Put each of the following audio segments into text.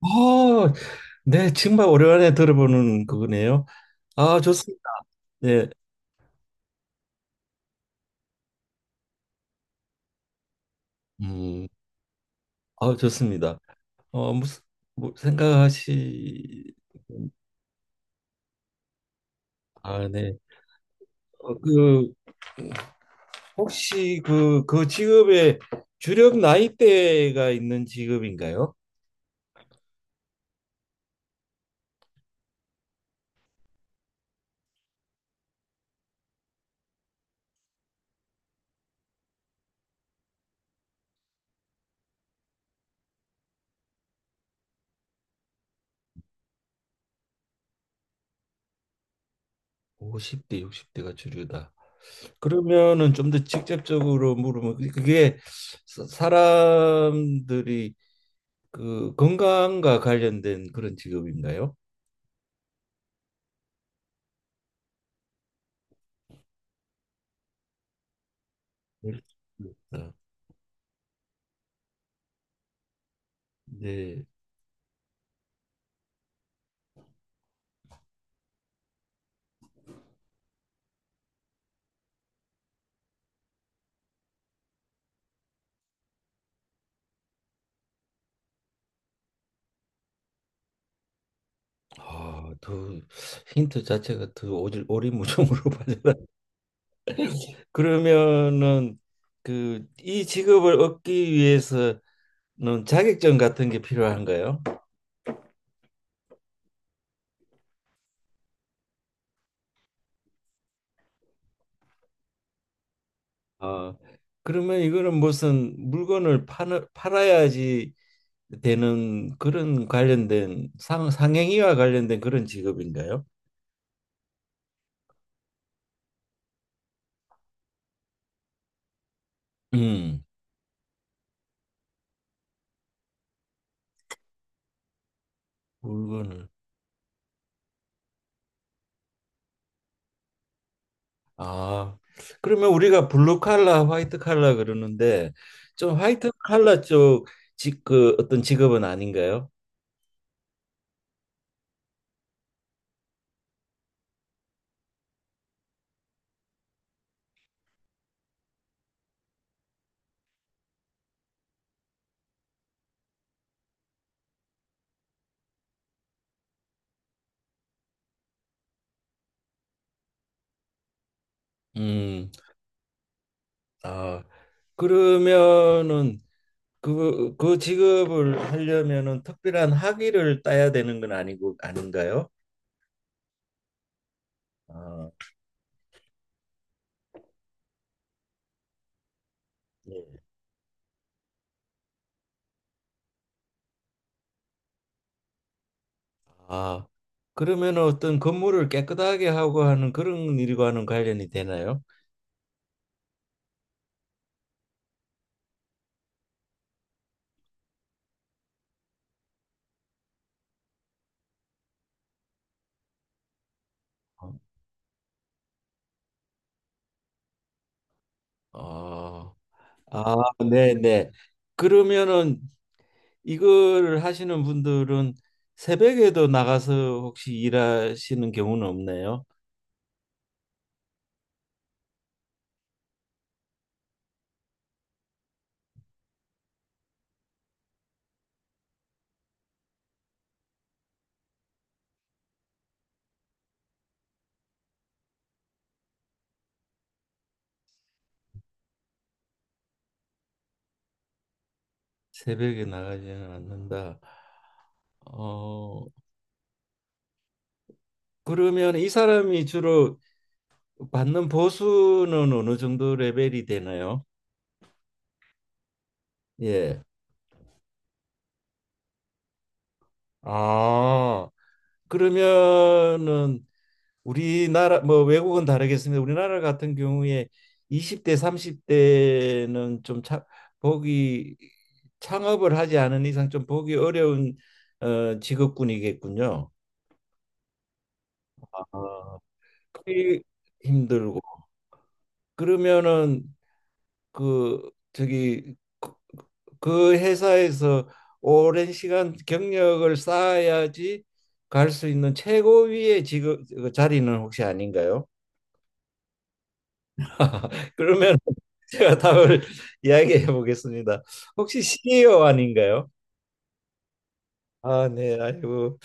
어, 네, 정말 오랜만에 들어보는 그거네요. 아, 좋습니다. 네, 음, 아, 좋습니다. 무슨 뭐 생각하시? 아, 네. 어, 그 혹시 그 직업의 주력 나이대가 있는 직업인가요? 50대, 60대가 주류다. 그러면은 좀 더 직접적으로 물으면 그게 사람들이 그 건강과 관련된 그런 직업인가요? 그러니까 이제 아더 힌트 자체가 더 오질 오리무중으로 빠져나. 그러면은 그 이 직업을 얻기 위해서는 자격증 같은 게 필요한가요? 아, 그러면 이거는 무슨 물건을 파는 팔아야지 되는 그런 관련된 상 상행위와 관련된 그런 직업인가요? 음 물건을. 아, 그러면 우리가 블루 칼라, 화이트 칼라 그러는데 좀 화이트 칼라 쪽 그 어떤 직업은 아닌가요? 음, 아, 그러면은 그 직업을 하려면은 특별한 학위를 따야 되는 건 아니고 아닌가요? 아, 네. 아, 그러면 어떤 건물을 깨끗하게 하고 하는 그런 일과는 관련이 되나요? 어, 아, 아, 네, 네. 그러면은 이걸 하시는 분들은 새벽에도 나가서 혹시 일하시는 경우는 없네요. 새벽에 나가지는 않는다. 어, 그러면 이 사람이 주로 받는 보수는 어느 정도 레벨이 되나요? 예. 아, 그러면은 우리나라 뭐 외국은 다르겠습니다. 우리나라 같은 경우에 20대, 30대는 좀 보기 창업을 하지 않은 이상 좀 보기 어려운 직업군이겠군요. 아, 그게 힘들고. 그러면은 그 저기 그 회사에서 오랜 시간 경력을 쌓아야지 갈 수 있는 최고위의 직업, 그 자리는 혹시 아닌가요? 그러면 제가 답을 이야기해 보겠습니다. 혹시 CEO 아닌가요? 아, 네. 아이고,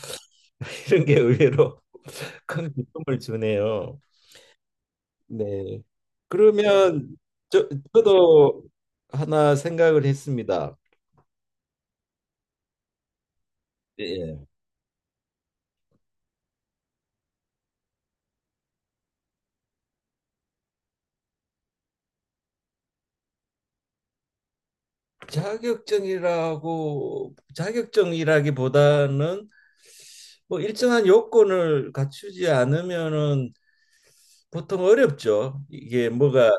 이런 게 의외로 큰 기쁨을 주네요. 네. 그러면 저, 저도 하나 생각을 했습니다. 예. 자격증이라고 자격증이라기보다는 뭐 일정한 요건을 갖추지 않으면은 보통 어렵죠. 이게 뭐가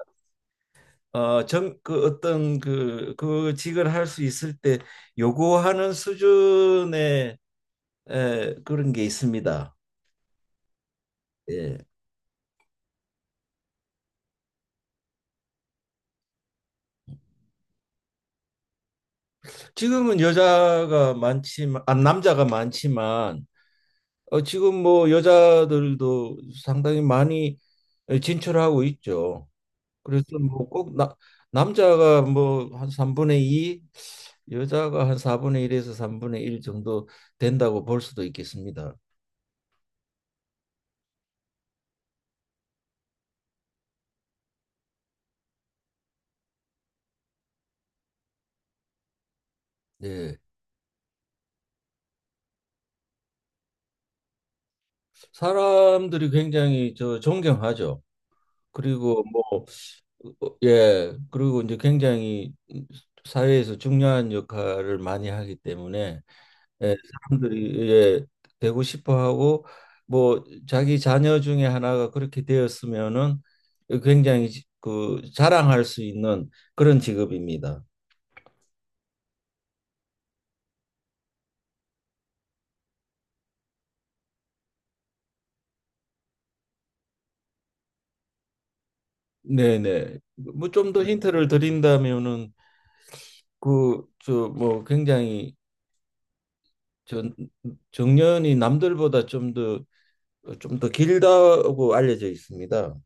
그 어떤 그 직을 할 수 있을 때 요구하는 수준의 그런 게 있습니다. 예. 지금은 여자가 많지만, 아, 남자가 많지만, 지금 뭐 여자들도 상당히 많이 진출하고 있죠. 그래서 뭐 꼭 남자가 뭐 한 3분의 2, 여자가 한 4분의 1에서 3분의 1 정도 된다고 볼 수도 있겠습니다. 예. 사람들이 굉장히 저 존경하죠. 그리고 뭐 예, 그리고 이제 굉장히 사회에서 중요한 역할을 많이 하기 때문에, 예, 사람들이, 예, 되고 싶어 하고, 뭐 자기 자녀 중에 하나가 그렇게 되었으면은 굉장히 그 자랑할 수 있는 그런 직업입니다. 네네. 뭐 좀 더 힌트를 드린다면은 그 저 뭐 굉장히 전 정년이 남들보다 좀 더 길다고 알려져 있습니다.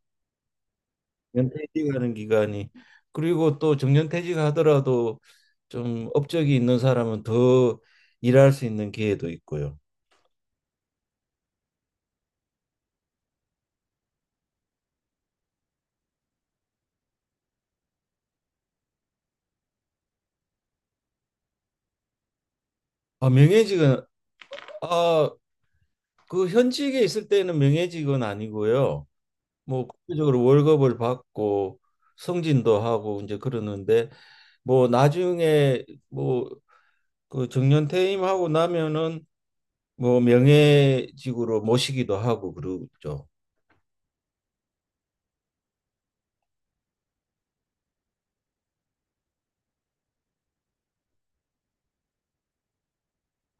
정년퇴직하는 기간이. 그리고 또 정년퇴직하더라도 좀 업적이 있는 사람은 더 일할 수 있는 기회도 있고요. 아, 명예직은, 아, 그 현직에 있을 때는 명예직은 아니고요. 뭐 국제적으로 월급을 받고 승진도 하고 이제 그러는데 뭐 나중에 뭐 그 정년 퇴임하고 나면은 뭐 명예직으로 모시기도 하고 그러죠.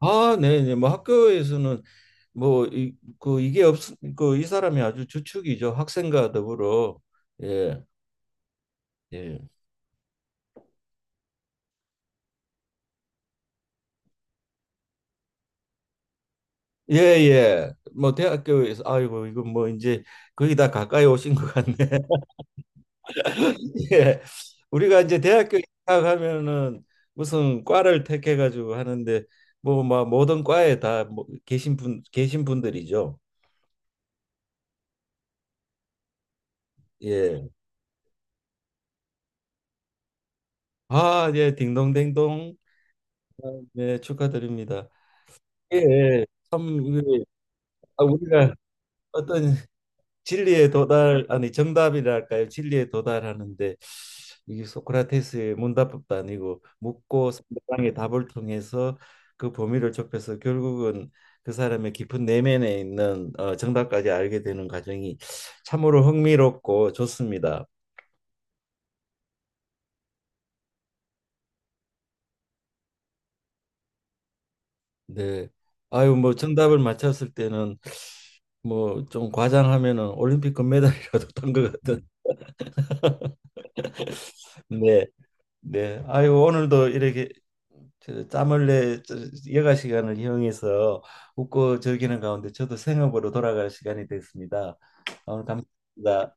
아, 네네. 뭐 학교에서는 뭐 이 그 이게 없 그 이 사람이 아주 주축이죠. 학생과 더불어. 예. 예. 예, 예. 뭐 대학교에서 아이고 이거 뭐 이제 거의 다 가까이 오신 것 같네. 예. 우리가 이제 대학교 입학하면은 무슨 과를 택해 가지고 하는데 뭐 막 모든 과에 다 뭐 계신 분 계신 분들이죠. 예. 아, 예, 딩동댕동. 아, 네, 축하드립니다. 예, 예. 참 이게, 아, 우리가 어떤 진리에 도달, 아니 정답이랄까요, 진리에 도달하는데 이게 소크라테스의 문답법도 아니고 묻고 상대방의 답을 통해서 그 범위를 좁혀서 결국은 그 사람의 깊은 내면에 있는 정답까지 알게 되는 과정이 참으로 흥미롭고 좋습니다. 네. 아유, 뭐 정답을 맞췄을 때는 뭐 좀 과장하면은 올림픽 금메달이라도 탄 것 같은. 네. 네. 아유, 오늘도 이렇게 저 짬을 내 여가 시간을 이용해서 웃고 즐기는 가운데 저도 생업으로 돌아갈 시간이 됐습니다. 아, 오늘 감사합니다.